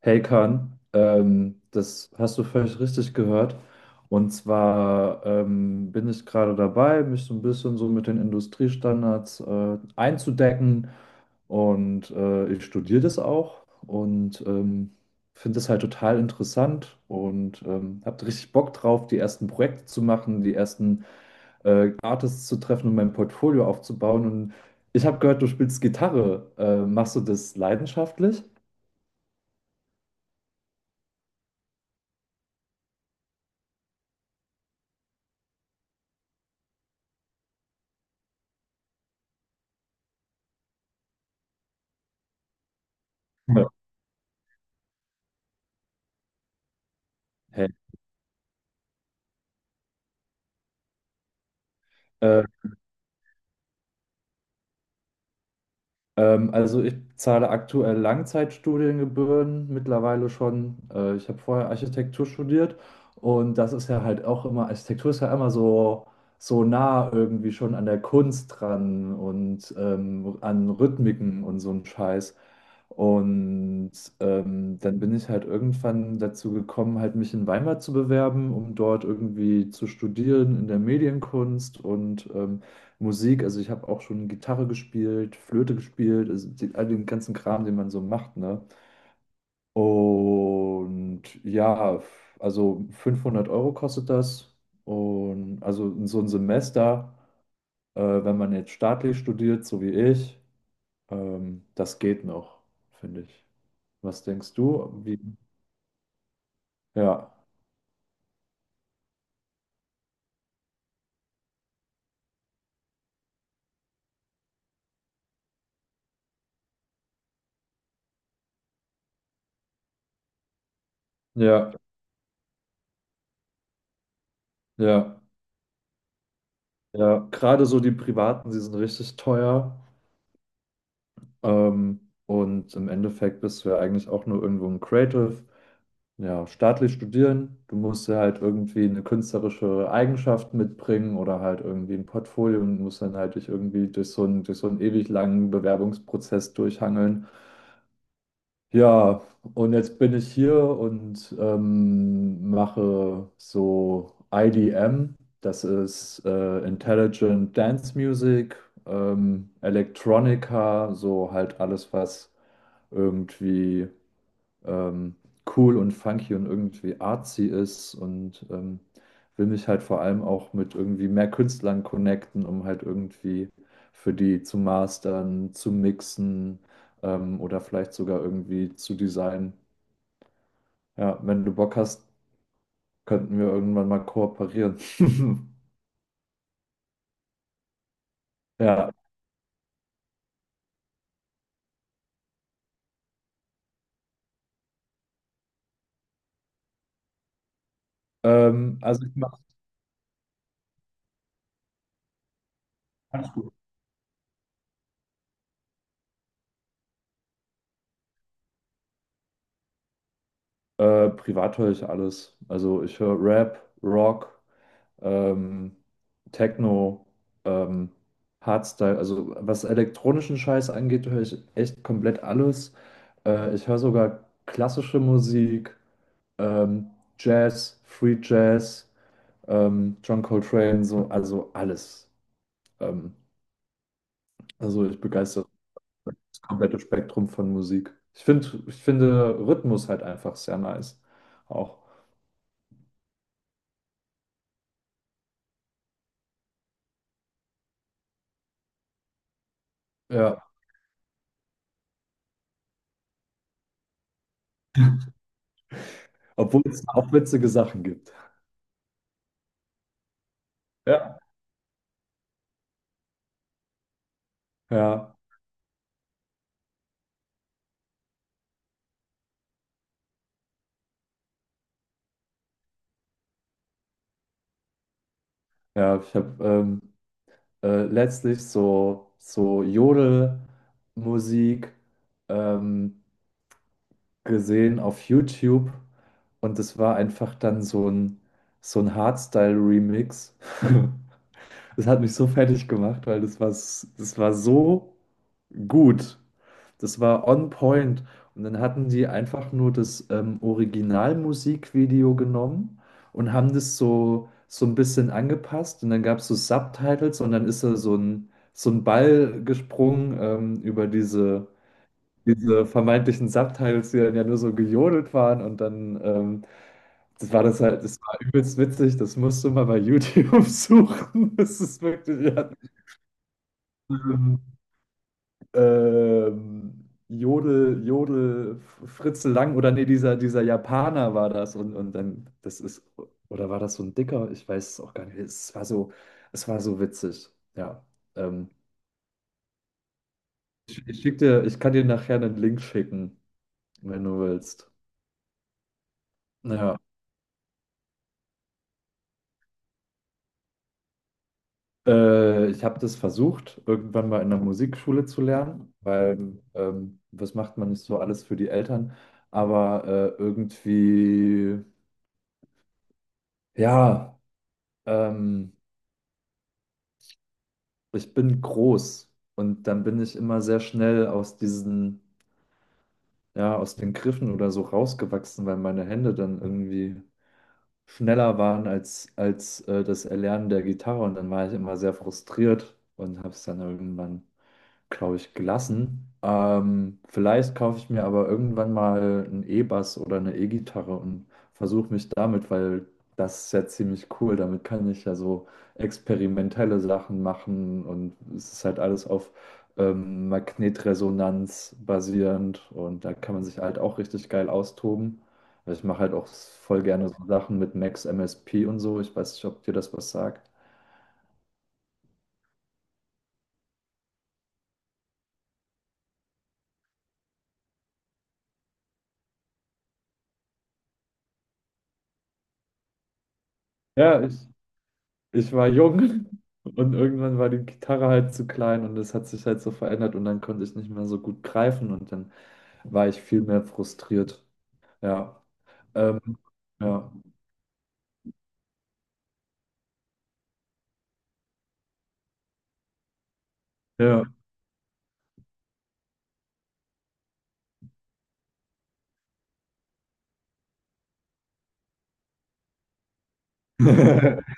Hey Kahn, das hast du völlig richtig gehört. Und zwar bin ich gerade dabei, mich so ein bisschen so mit den Industriestandards einzudecken. Und ich studiere das auch und finde das halt total interessant und habe richtig Bock drauf, die ersten Projekte zu machen, die ersten Artists zu treffen und mein Portfolio aufzubauen. Und ich habe gehört, du spielst Gitarre. Machst du das leidenschaftlich? Ja. Hey. äh, also ich zahle aktuell Langzeitstudiengebühren mittlerweile schon. Ich habe vorher Architektur studiert, und das ist ja halt auch immer, Architektur ist ja immer so, so nah irgendwie schon an der Kunst dran und an Rhythmiken und so ein Scheiß. Und dann bin ich halt irgendwann dazu gekommen, halt mich in Weimar zu bewerben, um dort irgendwie zu studieren in der Medienkunst und Musik. Also ich habe auch schon Gitarre gespielt, Flöte gespielt, also all den ganzen Kram, den man so macht, ne? Und ja, also 500 Euro kostet das. Und also so ein Semester, wenn man jetzt staatlich studiert, so wie ich, das geht noch, finde ich. Was denkst du? Wie? Ja, ja, ja, ja. Gerade so die privaten, die sind richtig teuer. Ähm, und im Endeffekt bist du ja eigentlich auch nur irgendwo ein Creative. Ja, staatlich studieren. Du musst ja halt irgendwie eine künstlerische Eigenschaft mitbringen oder halt irgendwie ein Portfolio und musst dann halt dich irgendwie durch so einen ewig langen Bewerbungsprozess durchhangeln. Ja, und jetzt bin ich hier und mache so IDM. Das ist Intelligent Dance Music, Electronica, so halt alles, was irgendwie ähm, cool und funky und irgendwie artsy ist, und will mich halt vor allem auch mit irgendwie mehr Künstlern connecten, um halt irgendwie für die zu mastern, zu mixen oder vielleicht sogar irgendwie zu designen. Ja, wenn du Bock hast, könnten wir irgendwann mal kooperieren. Ja, also ich mache ganz gut. Privat höre ich alles. Also ich höre Rap, Rock, ähm, Techno, ähm, Hardstyle, also was elektronischen Scheiß angeht, höre ich echt komplett alles. Ich höre sogar klassische Musik, ähm, Jazz, Free Jazz, John Coltrane, so, also alles. Ähm, also ich begeistere das komplette Spektrum von Musik. Ich finde Rhythmus halt einfach sehr nice. Auch. Ja. Obwohl es auch witzige Sachen gibt. Ja. Ja, ja, ich habe letztlich so, so Jodelmusik ähm, gesehen auf YouTube, und es war einfach dann so ein Hardstyle-Remix. Das hat mich so fertig gemacht, weil das war, das war so gut. Das war on point. Und dann hatten die einfach nur das Originalmusikvideo genommen und haben das so, so ein bisschen angepasst. Und dann gab es so Subtitles und dann ist da so ein Ball gesprungen über diese vermeintlichen Subtitles, die dann ja nur so gejodelt waren, und dann, das war übelst witzig, das musst du mal bei YouTube suchen. Das ist wirklich, ja, ähm, Jodel, Jodel, Fritze Lang, oder nee, dieser Japaner war das, und dann, das ist, oder war das so ein Dicker? Ich weiß es auch gar nicht. Es war so witzig, ja. Ähm, ich kann dir nachher einen Link schicken, wenn du willst. Ja. Ich habe das versucht, irgendwann mal in der Musikschule zu lernen, weil was macht man nicht so alles für die Eltern? Aber irgendwie, ja, ähm, ich bin groß und dann bin ich immer sehr schnell aus diesen, ja, aus den Griffen oder so rausgewachsen, weil meine Hände dann irgendwie schneller waren als das Erlernen der Gitarre, und dann war ich immer sehr frustriert und habe es dann irgendwann, glaube ich, gelassen. Vielleicht kaufe ich mir aber irgendwann mal einen E-Bass oder eine E-Gitarre und versuche mich damit, weil das ist ja ziemlich cool. Damit kann ich ja so experimentelle Sachen machen und es ist halt alles auf Magnetresonanz basierend und da kann man sich halt auch richtig geil austoben. Also ich mache halt auch voll gerne so Sachen mit Max MSP und so. Ich weiß nicht, ob dir das was sagt. Ja, ich war jung und irgendwann war die Gitarre halt zu klein und es hat sich halt so verändert und dann konnte ich nicht mehr so gut greifen und dann war ich viel mehr frustriert. Ja, ähm, ja, ja.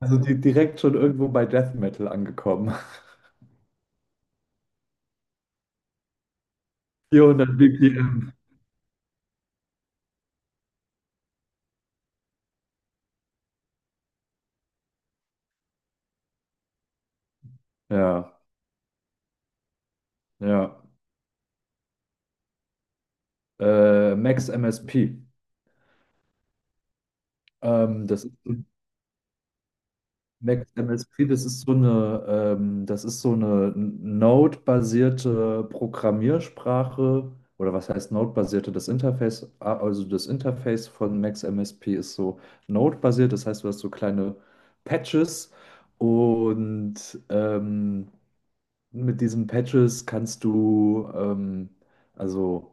Also direkt schon irgendwo bei Death Metal angekommen. 400 BPM. Ja, ja. Max MSP. Das ist so Max MSP, das ist so eine, das ist so eine Node-basierte Programmiersprache. Oder was heißt Node-basierte? Das Interface, ah, also das Interface von Max MSP ist so Node-basiert. Das heißt, du hast so kleine Patches, und ähm, mit diesen Patches kannst du, also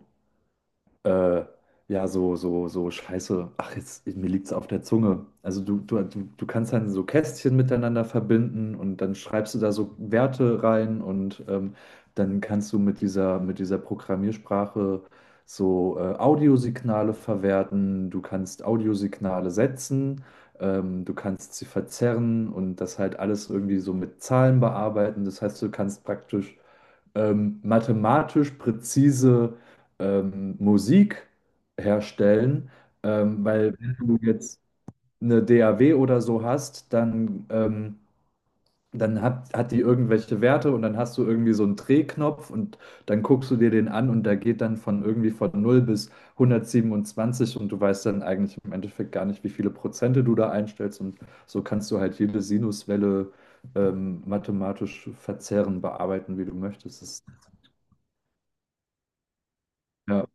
äh, ja, so Scheiße, ach, jetzt, mir liegt's auf der Zunge. Also du kannst dann so Kästchen miteinander verbinden und dann schreibst du da so Werte rein und dann kannst du mit dieser Programmiersprache so Audiosignale verwerten, du kannst Audiosignale setzen, du kannst sie verzerren und das halt alles irgendwie so mit Zahlen bearbeiten. Das heißt, du kannst praktisch mathematisch präzise Musik herstellen, weil wenn du jetzt eine DAW oder so hast, dann, dann hat die irgendwelche Werte und dann hast du irgendwie so einen Drehknopf und dann guckst du dir den an und der geht dann von irgendwie von null bis 127 und du weißt dann eigentlich im Endeffekt gar nicht, wie viele Prozente du da einstellst, und so kannst du halt jede Sinuswelle mathematisch verzehren, bearbeiten, wie du möchtest. Das, ja.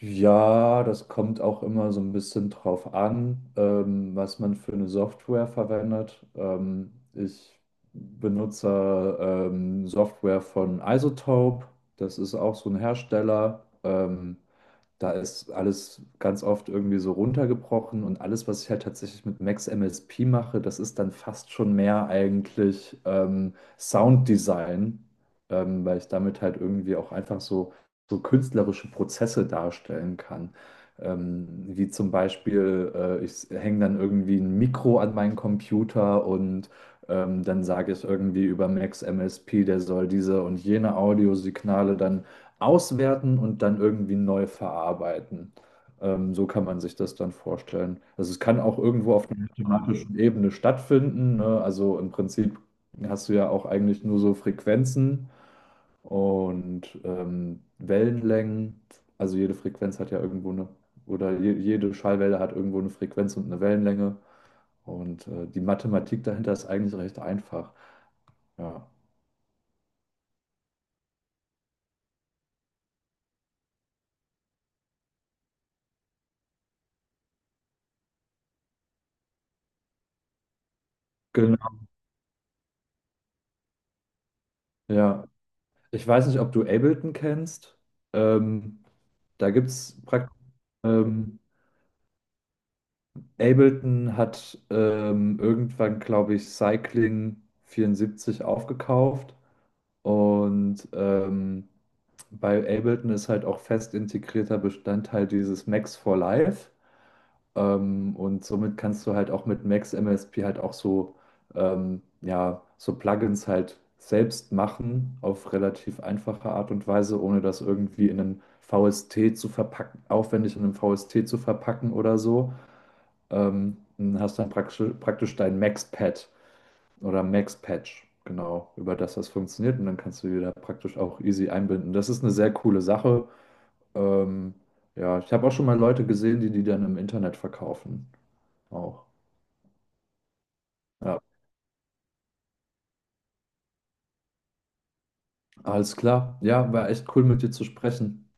Ja, das kommt auch immer so ein bisschen drauf an, was man für eine Software verwendet. Ich benutze Software von Isotope. Das ist auch so ein Hersteller. Da ist alles ganz oft irgendwie so runtergebrochen, und alles, was ich halt tatsächlich mit Max MSP mache, das ist dann fast schon mehr eigentlich Sounddesign, weil ich damit halt irgendwie auch einfach so so künstlerische Prozesse darstellen kann. Wie zum Beispiel, ich hänge dann irgendwie ein Mikro an meinen Computer und dann sage ich irgendwie über Max MSP, der soll diese und jene Audiosignale dann auswerten und dann irgendwie neu verarbeiten. So kann man sich das dann vorstellen. Also es kann auch irgendwo auf einer mathematischen Ebene stattfinden, ne? Also im Prinzip hast du ja auch eigentlich nur so Frequenzen und Wellenlängen. Also jede Frequenz hat ja irgendwo eine, oder jede Schallwelle hat irgendwo eine Frequenz und eine Wellenlänge. Und die Mathematik dahinter ist eigentlich recht einfach. Ja. Genau. Ja. Ich weiß nicht, ob du Ableton kennst. Ähm, Da gibt es praktisch. Ähm, Ableton hat irgendwann, glaube ich, Cycling 74 aufgekauft und bei Ableton ist halt auch fest integrierter Bestandteil dieses Max for Live. Und somit kannst du halt auch mit Max MSP halt auch so, ja, so Plugins halt selbst machen auf relativ einfache Art und Weise, ohne das irgendwie in einen VST zu verpacken, aufwendig in einen VST zu verpacken oder so. Dann hast dann praktisch dein Max-Pad oder Max-Patch. Genau, über das das funktioniert, und dann kannst du die da praktisch auch easy einbinden. Das ist eine sehr coole Sache. Ähm, ja, ich habe auch schon mal Leute gesehen, die die dann im Internet verkaufen. Auch. Ja, alles klar. Ja, war echt cool mit dir zu sprechen.